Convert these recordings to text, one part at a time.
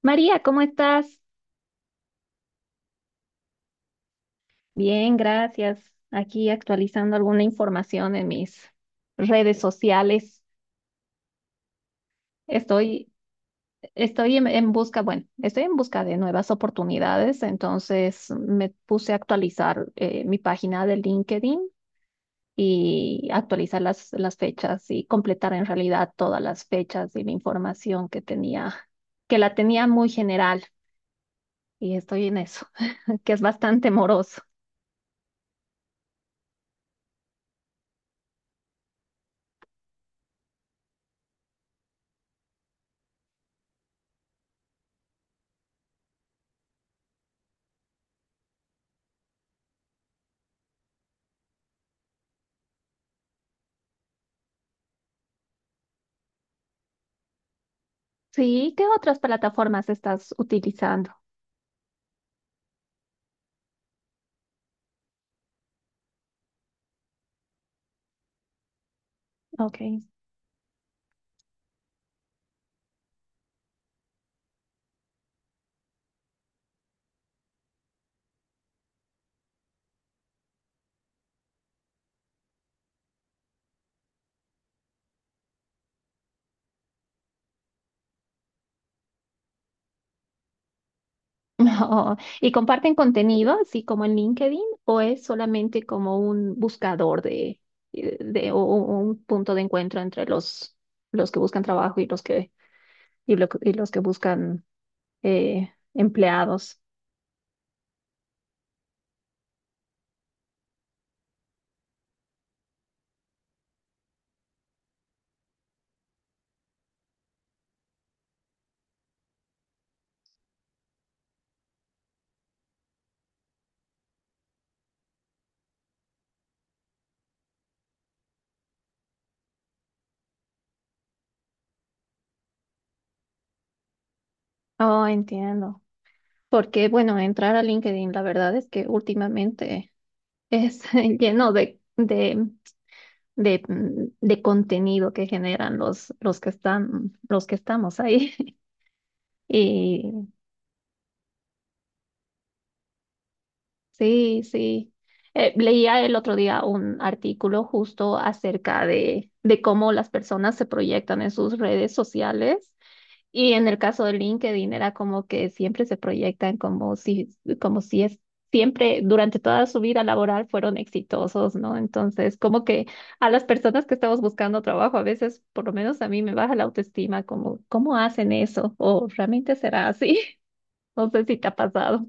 María, ¿cómo estás? Bien, gracias. Aquí actualizando alguna información en mis redes sociales. Estoy, estoy en busca, bueno, estoy en busca de nuevas oportunidades, entonces me puse a actualizar mi página de LinkedIn y actualizar las fechas y completar en realidad todas las fechas y la información que tenía, que la tenía muy general y estoy en eso, que es bastante moroso. Sí, ¿qué otras plataformas estás utilizando? Ok. Oh, ¿y comparten contenido, así como en LinkedIn, o es solamente como un buscador de o un punto de encuentro entre los que buscan trabajo y los que buscan empleados? Oh, entiendo. Porque, bueno, entrar a LinkedIn, la verdad es que últimamente es lleno de, de contenido que generan los que estamos ahí. Y sí, sí. Leía el otro día un artículo justo acerca de cómo las personas se proyectan en sus redes sociales. Y en el caso de LinkedIn era como que siempre se proyectan como si siempre durante toda su vida laboral fueron exitosos, ¿no? Entonces, como que a las personas que estamos buscando trabajo, a veces, por lo menos a mí me baja la autoestima, como, ¿cómo hacen eso? ¿O realmente será así? No sé si te ha pasado.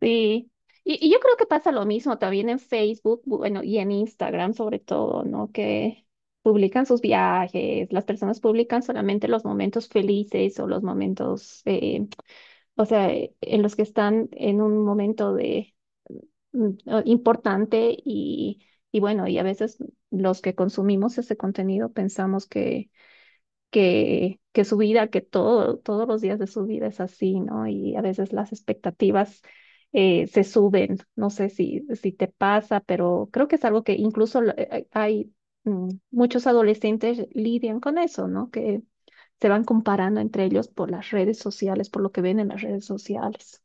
Sí, y yo creo que pasa lo mismo también en Facebook, bueno, y en Instagram sobre todo, ¿no? Que publican sus viajes, las personas publican solamente los momentos felices o los momentos, o sea, en los que están en un momento de importante y bueno, y a veces los que consumimos ese contenido pensamos que su vida, que todos los días de su vida es así, ¿no? Y a veces las expectativas se suben. No sé si te pasa, pero creo que es algo que incluso hay muchos adolescentes lidian con eso, ¿no? Que se van comparando entre ellos por las redes sociales, por lo que ven en las redes sociales.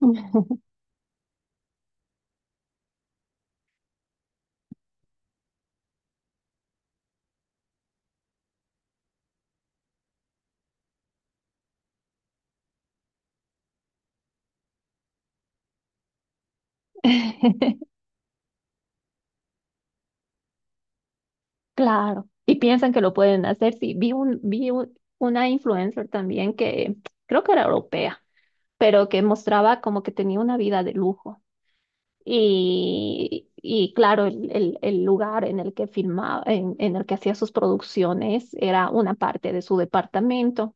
Claro, y piensan que lo pueden hacer. Sí, vi una influencer también que creo que era europea pero que mostraba como que tenía una vida de lujo. Y claro, el lugar en el que filmaba, en el que hacía sus producciones era una parte de su departamento,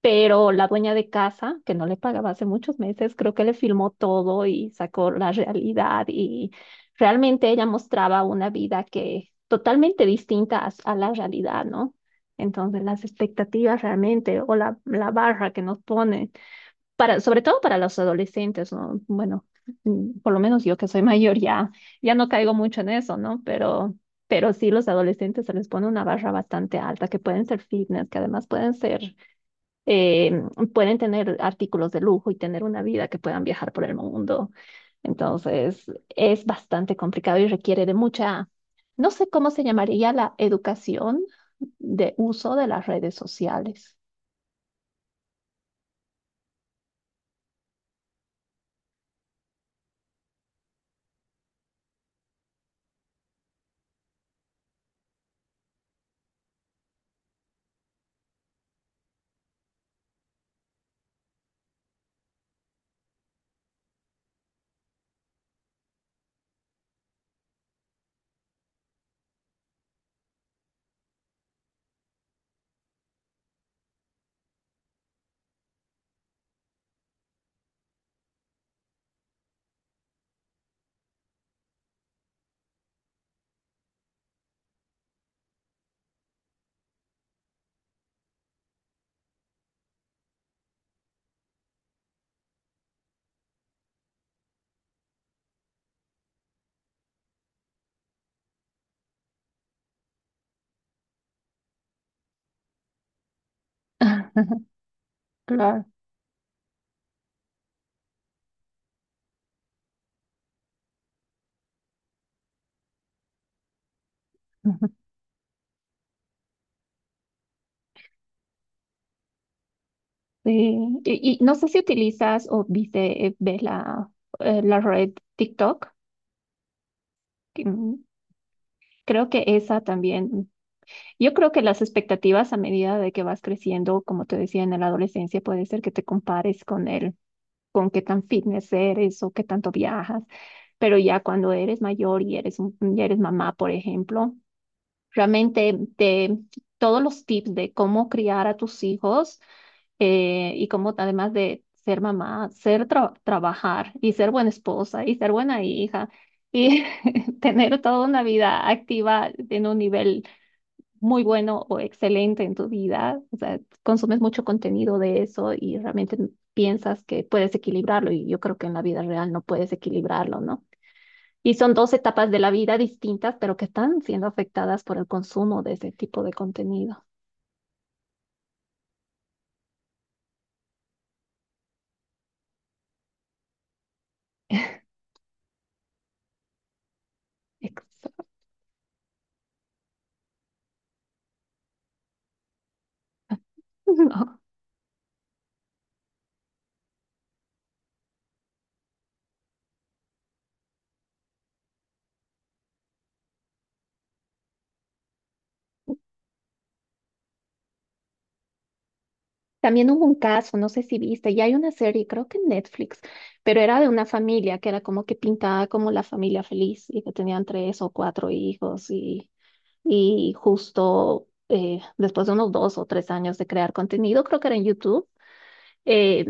pero la dueña de casa, que no le pagaba hace muchos meses, creo que le filmó todo y sacó la realidad y realmente ella mostraba una vida que totalmente distinta a la realidad, ¿no? Entonces las expectativas realmente o la barra que nos pone sobre todo para los adolescentes, ¿no? Bueno, por lo menos yo que soy mayor ya, ya no caigo mucho en eso, ¿no? Pero sí los adolescentes se les pone una barra bastante alta, que pueden ser fitness, que además eh, pueden tener artículos de lujo y tener una vida que puedan viajar por el mundo. Entonces, es bastante complicado y requiere de mucha, no sé cómo se llamaría la educación de uso de las redes sociales. Claro. Sí, y no sé si utilizas o viste, ves la red TikTok. que, mm, Creo que esa también, yo creo que las expectativas a medida de que vas creciendo, como te decía en la adolescencia, puede ser que te compares con él, con qué tan fitness eres o qué tanto viajas, pero ya cuando eres mayor y ya eres mamá, por ejemplo, realmente te, todos los tips de cómo criar a tus hijos y como además de ser mamá, trabajar y ser buena esposa y ser buena hija y tener toda una vida activa en un nivel muy bueno o excelente en tu vida, o sea, consumes mucho contenido de eso y realmente piensas que puedes equilibrarlo y yo creo que en la vida real no puedes equilibrarlo, ¿no? Y son dos etapas de la vida distintas, pero que están siendo afectadas por el consumo de ese tipo de contenido. Exacto. También hubo un caso, no sé si viste, ya hay una serie, creo que en Netflix, pero era de una familia que era como que pintada como la familia feliz y que tenían tres o cuatro hijos y justo después de unos 2 o 3 años de crear contenido, creo que era en YouTube, eh,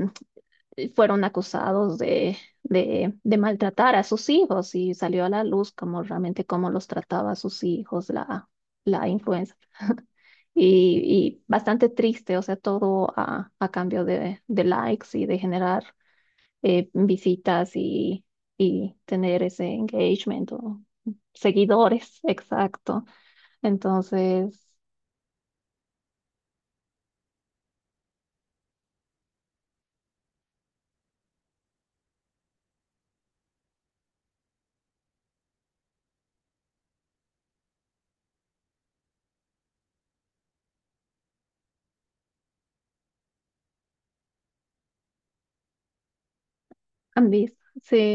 fueron acusados de maltratar a sus hijos y salió a la luz como realmente cómo los trataba a sus hijos, la influenza y, y bastante triste, o sea, todo a cambio de likes y de generar visitas y tener ese engagement o seguidores, exacto. Entonces, ambis, sí,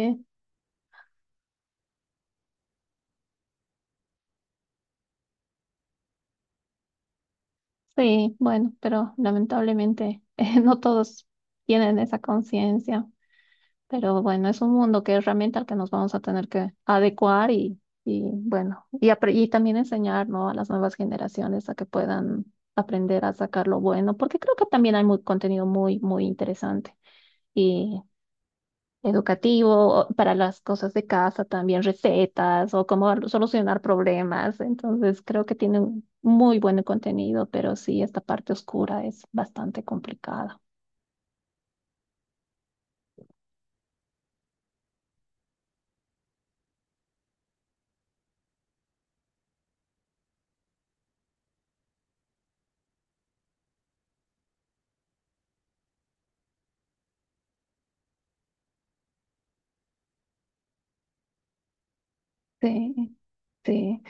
sí, bueno, pero lamentablemente no todos tienen esa conciencia. Pero bueno, es un mundo que es realmente al que nos vamos a tener que adecuar y bueno, y también enseñar, ¿no? A las nuevas generaciones a que puedan aprender a sacar lo bueno, porque creo que también hay contenido muy, muy interesante y educativo o para las cosas de casa también, recetas o cómo solucionar problemas. Entonces, creo que tiene un muy buen contenido, pero sí, esta parte oscura es bastante complicada. Sí, sí.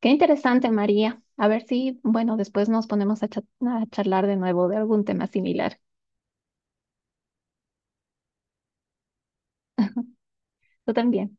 Qué interesante, María. A ver si, bueno, después nos ponemos a charlar de nuevo de algún tema similar. Tú también.